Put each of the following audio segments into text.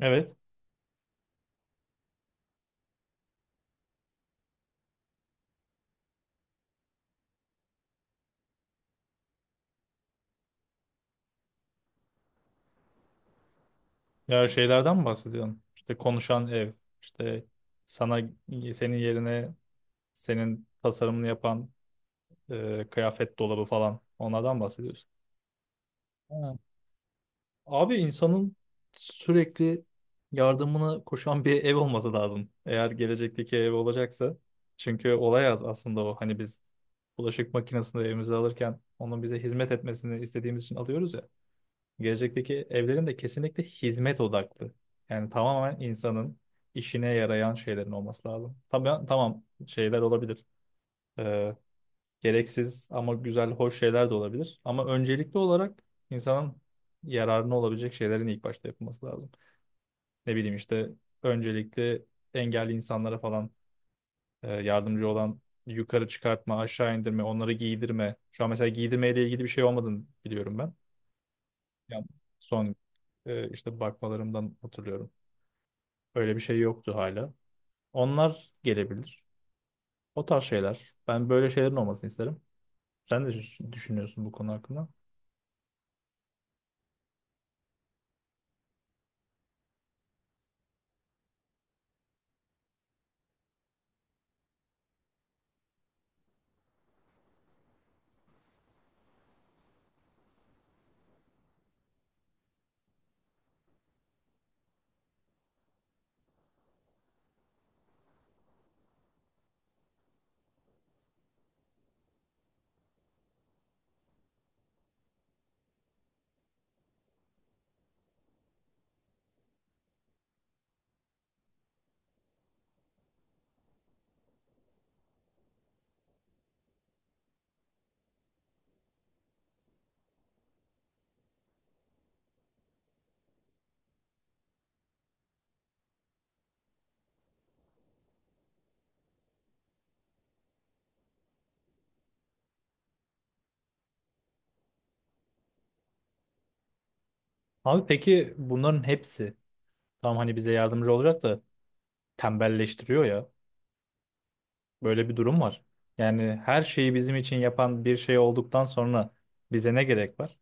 Evet. Ya şeylerden mi bahsediyorsun? İşte konuşan ev, işte sana senin yerine senin tasarımını yapan kıyafet dolabı falan onlardan bahsediyorsun. Ha. Abi insanın sürekli yardımına koşan bir ev olması lazım. Eğer gelecekteki ev olacaksa. Çünkü olay az aslında o. Hani biz bulaşık makinesini evimize alırken onun bize hizmet etmesini istediğimiz için alıyoruz ya. Gelecekteki evlerin de kesinlikle hizmet odaklı. Yani tamamen insanın işine yarayan şeylerin olması lazım. Tabii tamam şeyler olabilir. Ee, Gereksiz ama güzel, hoş şeyler de olabilir. Ama öncelikli olarak insanın yararına olabilecek şeylerin ilk başta yapılması lazım. Ne bileyim işte öncelikle engelli insanlara falan yardımcı olan yukarı çıkartma, aşağı indirme, onları giydirme. Şu an mesela giydirmeyle ilgili bir şey olmadığını biliyorum ben. Yani son işte bakmalarımdan hatırlıyorum. Öyle bir şey yoktu hala. Onlar gelebilir. O tarz şeyler. Ben böyle şeylerin olmasını isterim. Sen de düşünüyorsun bu konu hakkında. Abi peki bunların hepsi tam hani bize yardımcı olacak da tembelleştiriyor ya. Böyle bir durum var. Yani her şeyi bizim için yapan bir şey olduktan sonra bize ne gerek var?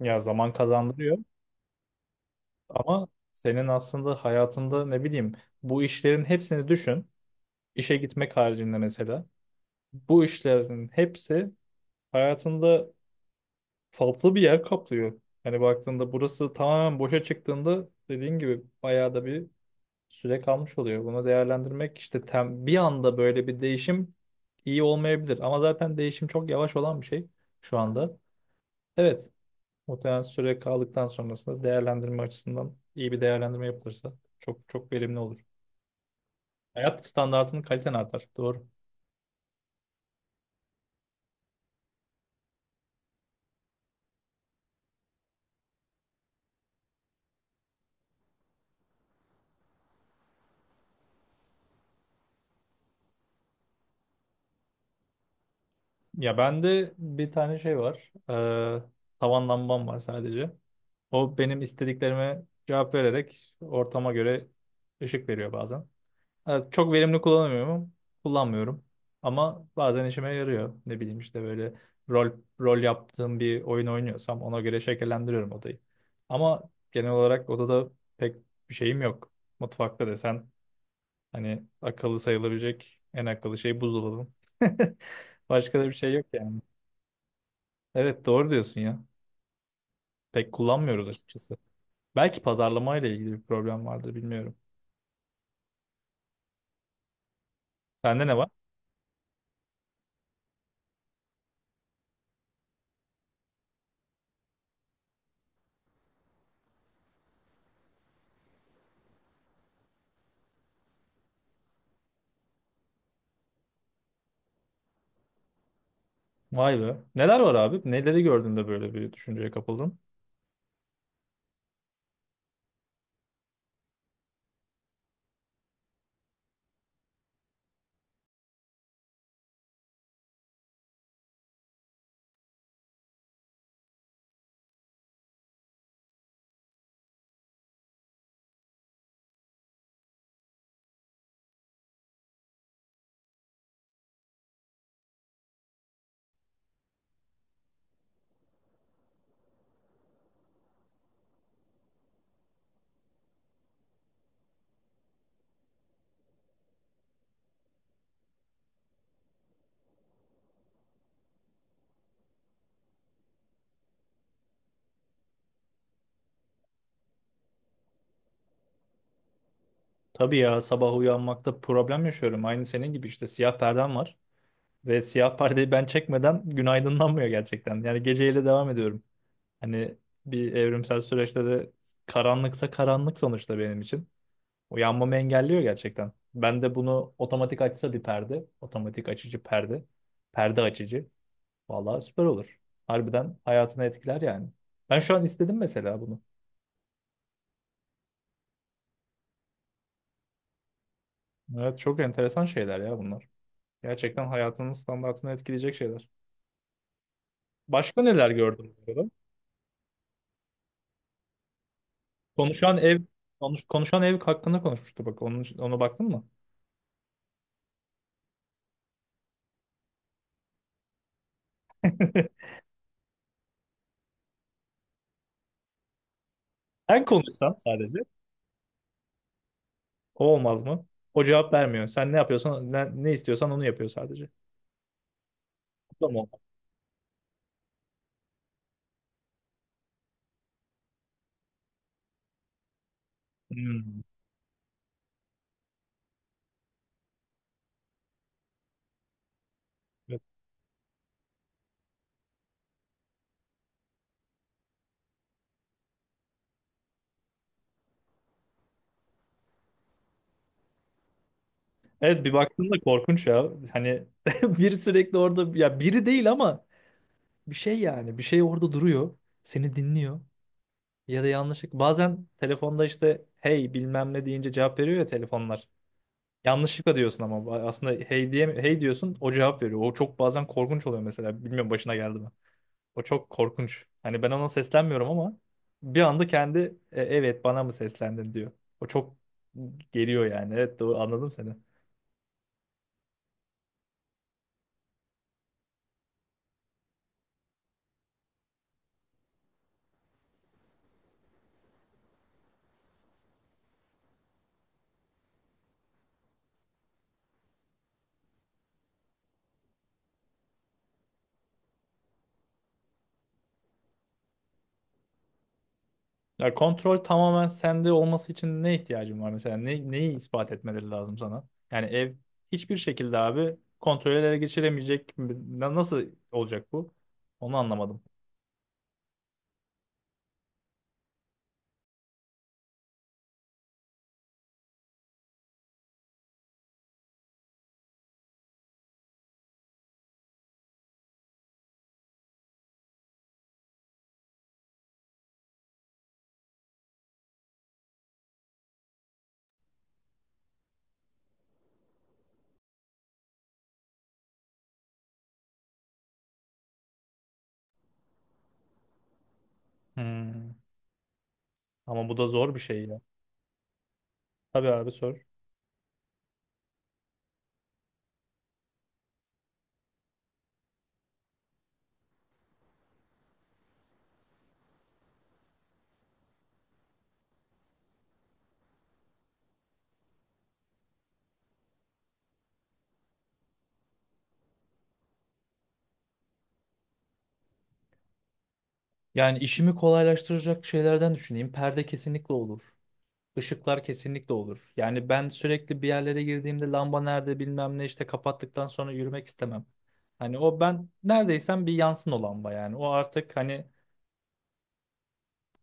Ya zaman kazandırıyor. Ama senin aslında hayatında ne bileyim bu işlerin hepsini düşün. İşe gitmek haricinde mesela. Bu işlerin hepsi hayatında farklı bir yer kaplıyor. Hani baktığında burası tamamen boşa çıktığında dediğin gibi bayağı da bir süre kalmış oluyor. Bunu değerlendirmek işte bir anda böyle bir değişim iyi olmayabilir. Ama zaten değişim çok yavaş olan bir şey şu anda. Evet, muhtemelen süre kaldıktan sonrasında değerlendirme açısından iyi bir değerlendirme yapılırsa çok çok verimli olur. Hayat standartının kaliten artar. Doğru. Ya bende bir tane şey var. Tavan lambam var sadece. O benim istediklerime cevap vererek ortama göre ışık veriyor bazen. Evet, çok verimli kullanamıyorum. Kullanmıyorum. Ama bazen işime yarıyor. Ne bileyim işte böyle rol rol yaptığım bir oyun oynuyorsam ona göre şekillendiriyorum odayı. Ama genel olarak odada pek bir şeyim yok. Mutfakta desen, hani akıllı sayılabilecek en akıllı şey buzdolabı. Başka da bir şey yok yani. Evet doğru diyorsun ya. Pek kullanmıyoruz açıkçası. Belki pazarlamayla ilgili bir problem vardır bilmiyorum. Sende ne var? Vay be. Neler var abi? Neleri gördün de böyle bir düşünceye kapıldın? Tabii ya sabah uyanmakta problem yaşıyorum. Aynı senin gibi işte siyah perdem var. Ve siyah perdeyi ben çekmeden gün aydınlanmıyor gerçekten. Yani geceyle devam ediyorum. Hani bir evrimsel süreçte de karanlıksa karanlık sonuçta benim için. O yanmamı engelliyor gerçekten. Ben de bunu otomatik açsa bir perde. Otomatik açıcı perde. Perde açıcı. Vallahi süper olur. Harbiden hayatını etkiler yani. Ben şu an istedim mesela bunu. Evet çok enteresan şeyler ya bunlar. Gerçekten hayatının standartını etkileyecek şeyler. Başka neler gördüm bu arada? Konuşan ev konuşan ev hakkında konuşmuştu bak. Onun, ona baktın mı? Sen konuşsan sadece. O olmaz mı? O cevap vermiyor. Sen ne yapıyorsan, ne, ne istiyorsan onu yapıyor sadece. Bu da mı olmaz? Hmm. Evet bir baktığında korkunç ya. Hani bir sürekli orada ya biri değil ama bir şey yani bir şey orada duruyor. Seni dinliyor. Ya da yanlışlıkla bazen telefonda işte hey bilmem ne deyince cevap veriyor ya telefonlar. Yanlışlıkla diyorsun ama aslında hey diye hey diyorsun o cevap veriyor. O çok bazen korkunç oluyor mesela. Bilmiyorum başına geldi mi? O çok korkunç. Hani ben ona seslenmiyorum ama bir anda kendi "E, evet bana mı seslendin" diyor. O çok geliyor yani. Evet doğru anladım seni. Ya kontrol tamamen sende olması için ne ihtiyacın var mesela? Ne, neyi ispat etmeleri lazım sana? Yani ev hiçbir şekilde abi kontrol ele geçiremeyecek. Nasıl olacak bu? Onu anlamadım. Hmm. Ama bu da zor bir şey ya. Tabii abi sor. Yani işimi kolaylaştıracak şeylerden düşüneyim. Perde kesinlikle olur. Işıklar kesinlikle olur. Yani ben sürekli bir yerlere girdiğimde lamba nerede bilmem ne işte kapattıktan sonra yürümek istemem. Hani o ben neredeysem bir yansın o lamba yani. O artık hani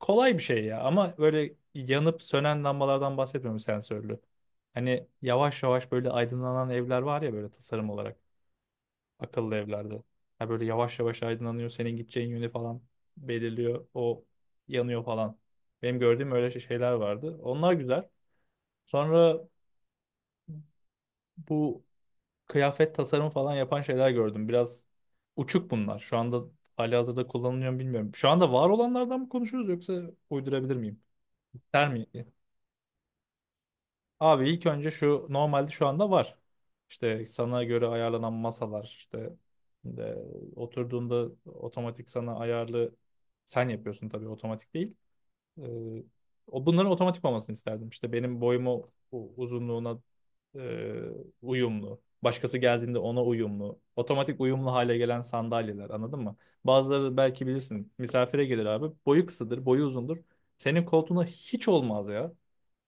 kolay bir şey ya ama böyle yanıp sönen lambalardan bahsetmiyorum sensörlü. Hani yavaş yavaş böyle aydınlanan evler var ya böyle tasarım olarak akıllı evlerde. Ha böyle yavaş yavaş aydınlanıyor senin gideceğin yönü falan belirliyor o yanıyor falan. Benim gördüğüm öyle şeyler vardı. Onlar güzel. Sonra bu kıyafet tasarımı falan yapan şeyler gördüm. Biraz uçuk bunlar. Şu anda halihazırda kullanılıyor mu bilmiyorum. Şu anda var olanlardan mı konuşuyoruz yoksa uydurabilir miyim? Der mi? Abi ilk önce şu normalde şu anda var. İşte sana göre ayarlanan masalar işte e, oturduğunda otomatik sana ayarlı sen yapıyorsun tabii otomatik değil. E, O bunların otomatik olmasını isterdim. İşte benim boyuma uzunluğuna e, uyumlu. Başkası geldiğinde ona uyumlu. Otomatik uyumlu hale gelen sandalyeler anladın mı? Bazıları belki bilirsin misafire gelir abi. Boyu kısadır, boyu uzundur. Senin koltuğuna hiç olmaz ya.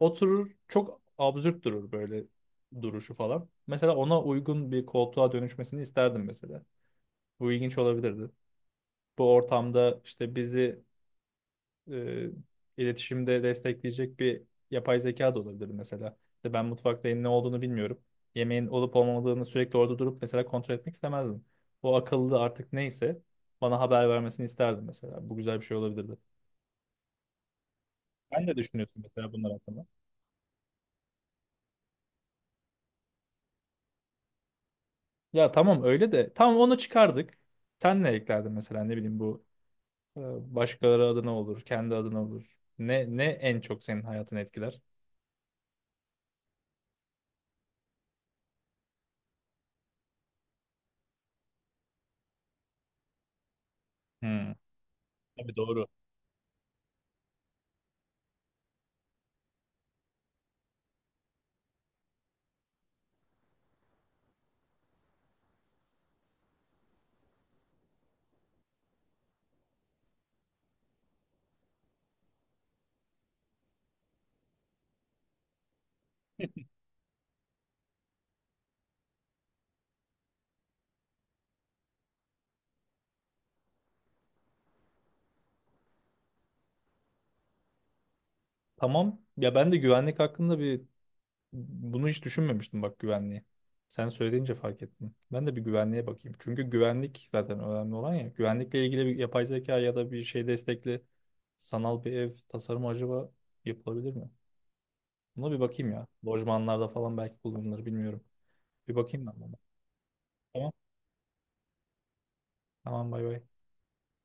Oturur çok absürt durur böyle duruşu falan. Mesela ona uygun bir koltuğa dönüşmesini isterdim mesela. Bu ilginç olabilirdi. Bu ortamda işte bizi e, iletişimde destekleyecek bir yapay zeka da olabilirdi mesela. İşte ben mutfaktayım ne olduğunu bilmiyorum. Yemeğin olup olmadığını sürekli orada durup mesela kontrol etmek istemezdim. O akıllı artık neyse bana haber vermesini isterdim mesela. Bu güzel bir şey olabilirdi. Sen ne düşünüyorsun mesela bunlar hakkında? Ya tamam öyle de. Tamam onu çıkardık. Sen ne eklerdin mesela ne bileyim bu e, başkaları adına olur, kendi adına olur. Ne ne en çok senin hayatını etkiler? Hmm. Tabii doğru. Tamam. Ya ben de güvenlik hakkında bir bunu hiç düşünmemiştim bak güvenliği. Sen söyleyince fark ettim. Ben de bir güvenliğe bakayım. Çünkü güvenlik zaten önemli olan ya. Güvenlikle ilgili bir yapay zeka ya da bir şey destekli sanal bir ev tasarımı acaba yapılabilir mi? Buna bir bakayım ya. Lojmanlarda falan belki kullanılır bilmiyorum. Bir bakayım ben buna. Tamam. Tamam bay bay.